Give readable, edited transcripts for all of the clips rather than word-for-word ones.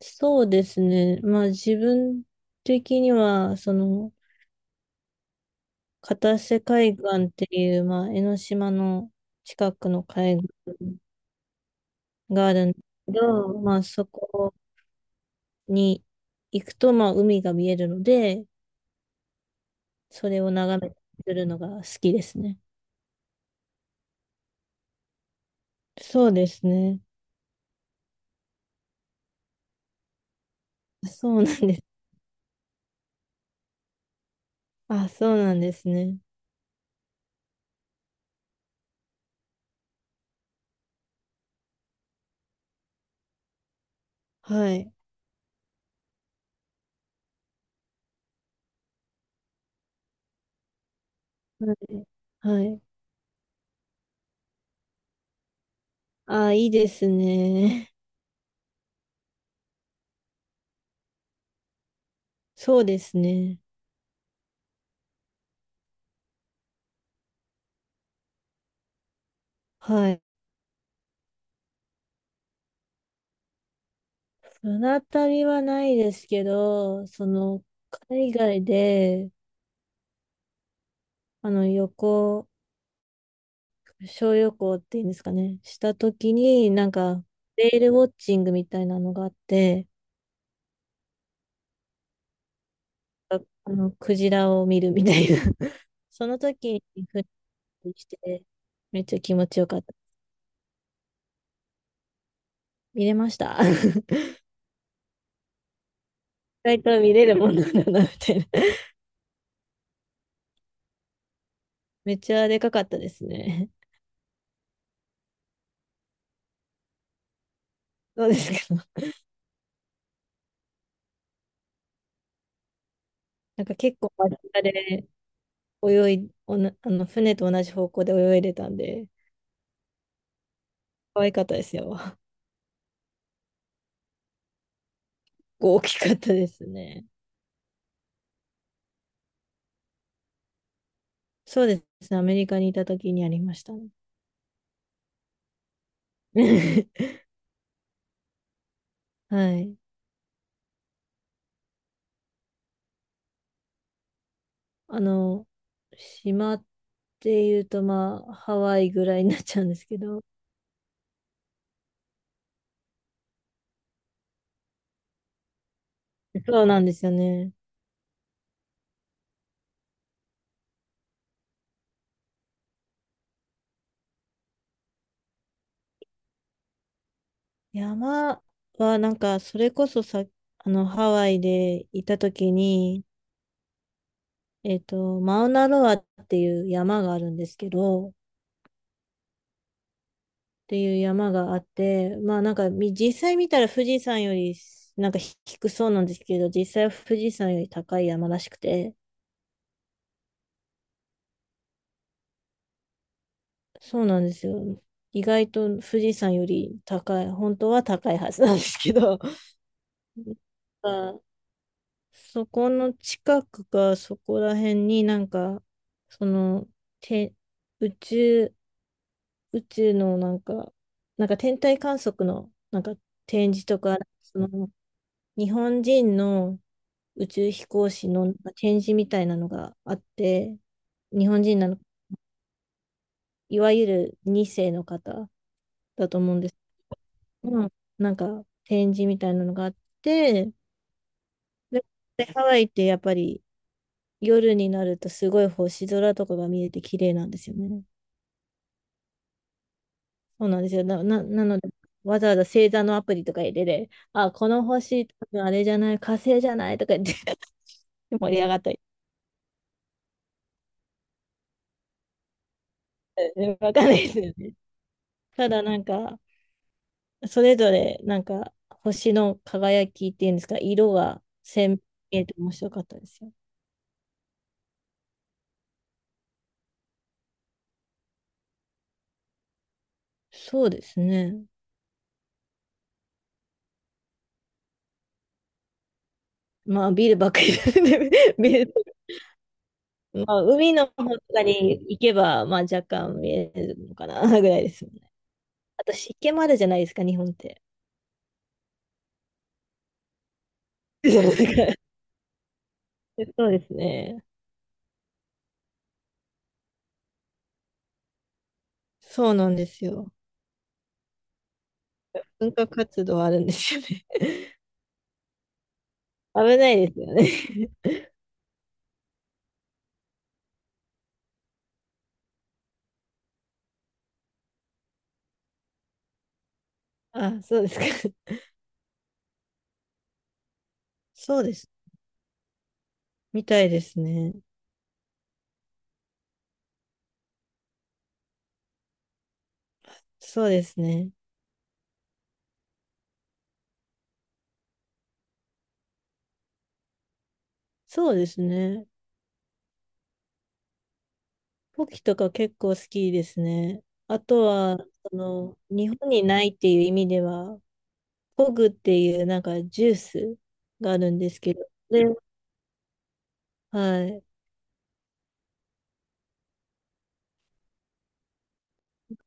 そうですね。まあ自分的には、片瀬海岸っていう、まあ江ノ島の近くの海岸があるんですけど、まあそこに行くと、まあ海が見えるので、それを眺めてるのが好きですね。そうですね。そうなんです。あ、そうなんですね。はい。はい。はい。あ、いいですね。そうですね。はい。船旅はないですけど、海外で、旅行、小旅行っていうんですかね、したときに、なんか、レールウォッチングみたいなのがあって、あクジラを見るみたいな。その時に船にして、めっちゃ気持ちよかった。見れました。意外と見れるもんなんだな、みたいな。めっちゃでかかったですね。そうですけど。なんか結構間近で泳い、おな、あの船と同じ方向で泳いでたんで、可愛かったですよ。大きかったですね。そうですね。アメリカにいた時にありましたね。はい。あの、島っていうと、まあ、ハワイぐらいになっちゃうんですけど、そうなんですよね。山は、なんか、それこそさ、ハワイでいた時に、マウナロアっていう山があるんですけど、ていう山があって、まあなんかみ実際見たら富士山よりなんか低そうなんですけど、実際は富士山より高い山らしくて、そうなんですよ。意外と富士山より高い、本当は高いはずなんですけど、あそこの近くかそこら辺になんか、その、て、宇宙、宇宙のなんか、なんか天体観測のなんか展示とか、その日本人の宇宙飛行士の展示みたいなのがあって、日本人なの、いわゆる2世の方だと思うんですけど、なんか展示みたいなのがあって、で、でハワイってやっぱり夜になるとすごい星空とかが見えて綺麗なんですよね。そうなんですよ。なので、わざわざ星座のアプリとか入れて、あ、この星、多分あれじゃない、火星じゃないとか言って 盛り上がったり、わかんないですよね。ただなんか、それぞれ、なんか、星の輝きっていうんですか、色が鮮明で面白かったですよ。そうですね。まあ、ビルばっかりですね ビル、まあ、海の方とかに行けば、まあ、若干見えるのかな、ぐらいですね。あと、湿気もあるじゃないですか、日本って。そうですね。そうなんですよ。文化活動あるんですよね。危ないですよね。あ、そうですか。そうです。みたいですね。そうですね。そうですね。ポキとか結構好きですね。あとは、日本にないっていう意味では、ポグっていうなんかジュースがあるんですけど、で、はい。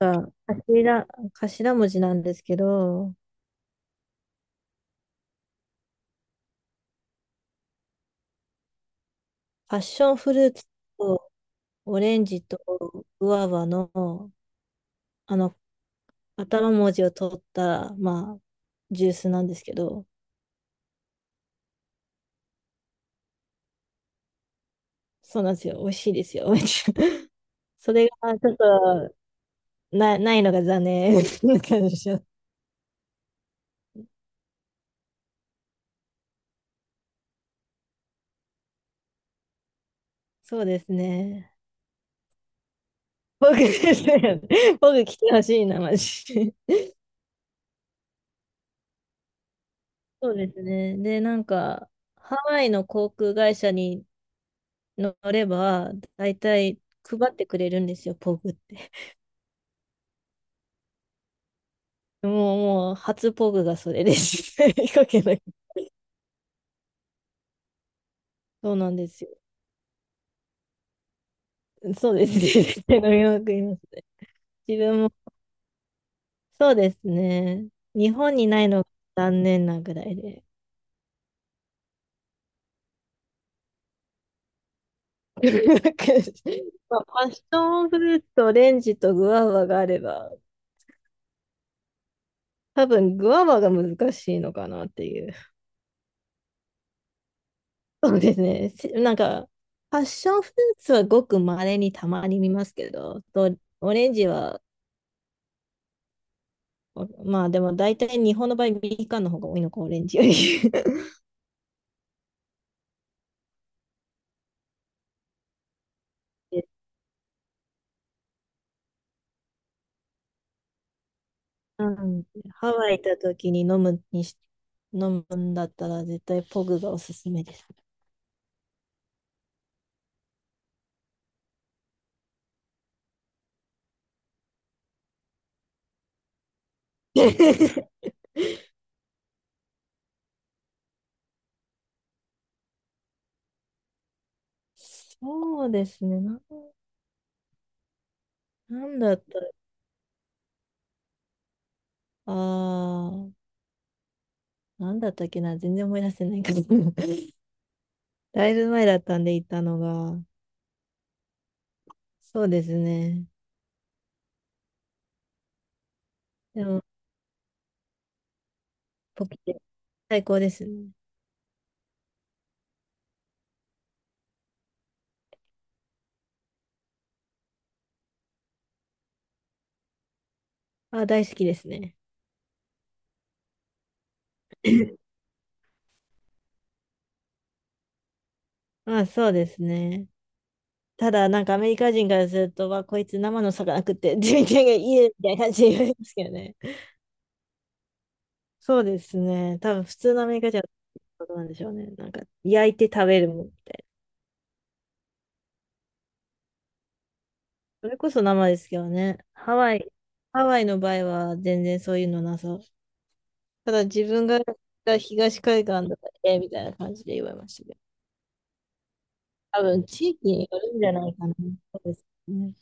が頭、頭文字なんですけど、パッションフルーツとオレンジとグアバの、あの、頭文字を取った、まあ、ジュースなんですけど、そうなんですよ。美味しいですよ。それがちょっとないのが残念 な感じ。そうですね。僕ですね。僕来てほしいな、マジ。そうですね。で、なんか、ハワイの航空会社に乗れば、だいたい配ってくれるんですよ、ポグって。ももう、初ポグがそれです。飛行機の。そうなんですよ。そうですね。絶対飲みまくりますね。自分も、そうですね。日本にないのが残念なぐらいで。まあ、パッションフルーツとオレンジとグアバがあれば、多分、グアバが難しいのかなっていう。そうですね。なんか、パッションフルーツはごく稀にたまに見ますけど、とオレンジは、まあでも大体日本の場合、みかんの方が多いのか、オレンジより。で、うん、ハワイ行った時に飲むんだったら絶対ポグがおすすめです。そうですね。なんだった、ああ、なんだったっけな、全然思い出せないけど。だいぶ前だったんで行ったのが。そうですね。でも、ポキテ、最高ですね。あ、大好きですね。まあ、そうですね。ただ、なんかアメリカ人からすると、わ、こいつ生の魚食って、自分がいいねみたいな感じで言われますけどね。そうですね。多分、普通のアメリカ人はそうなんでしょうね。なんか、焼いて食べるもんみたいな。それこそ生ですけどね。ハワイの場合は全然そういうのなさ。ただ、自分が東海岸だったらええみたいな感じで言われました。多分、地域によるんじゃないかな。そうですね。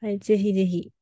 はい、ぜひぜひ。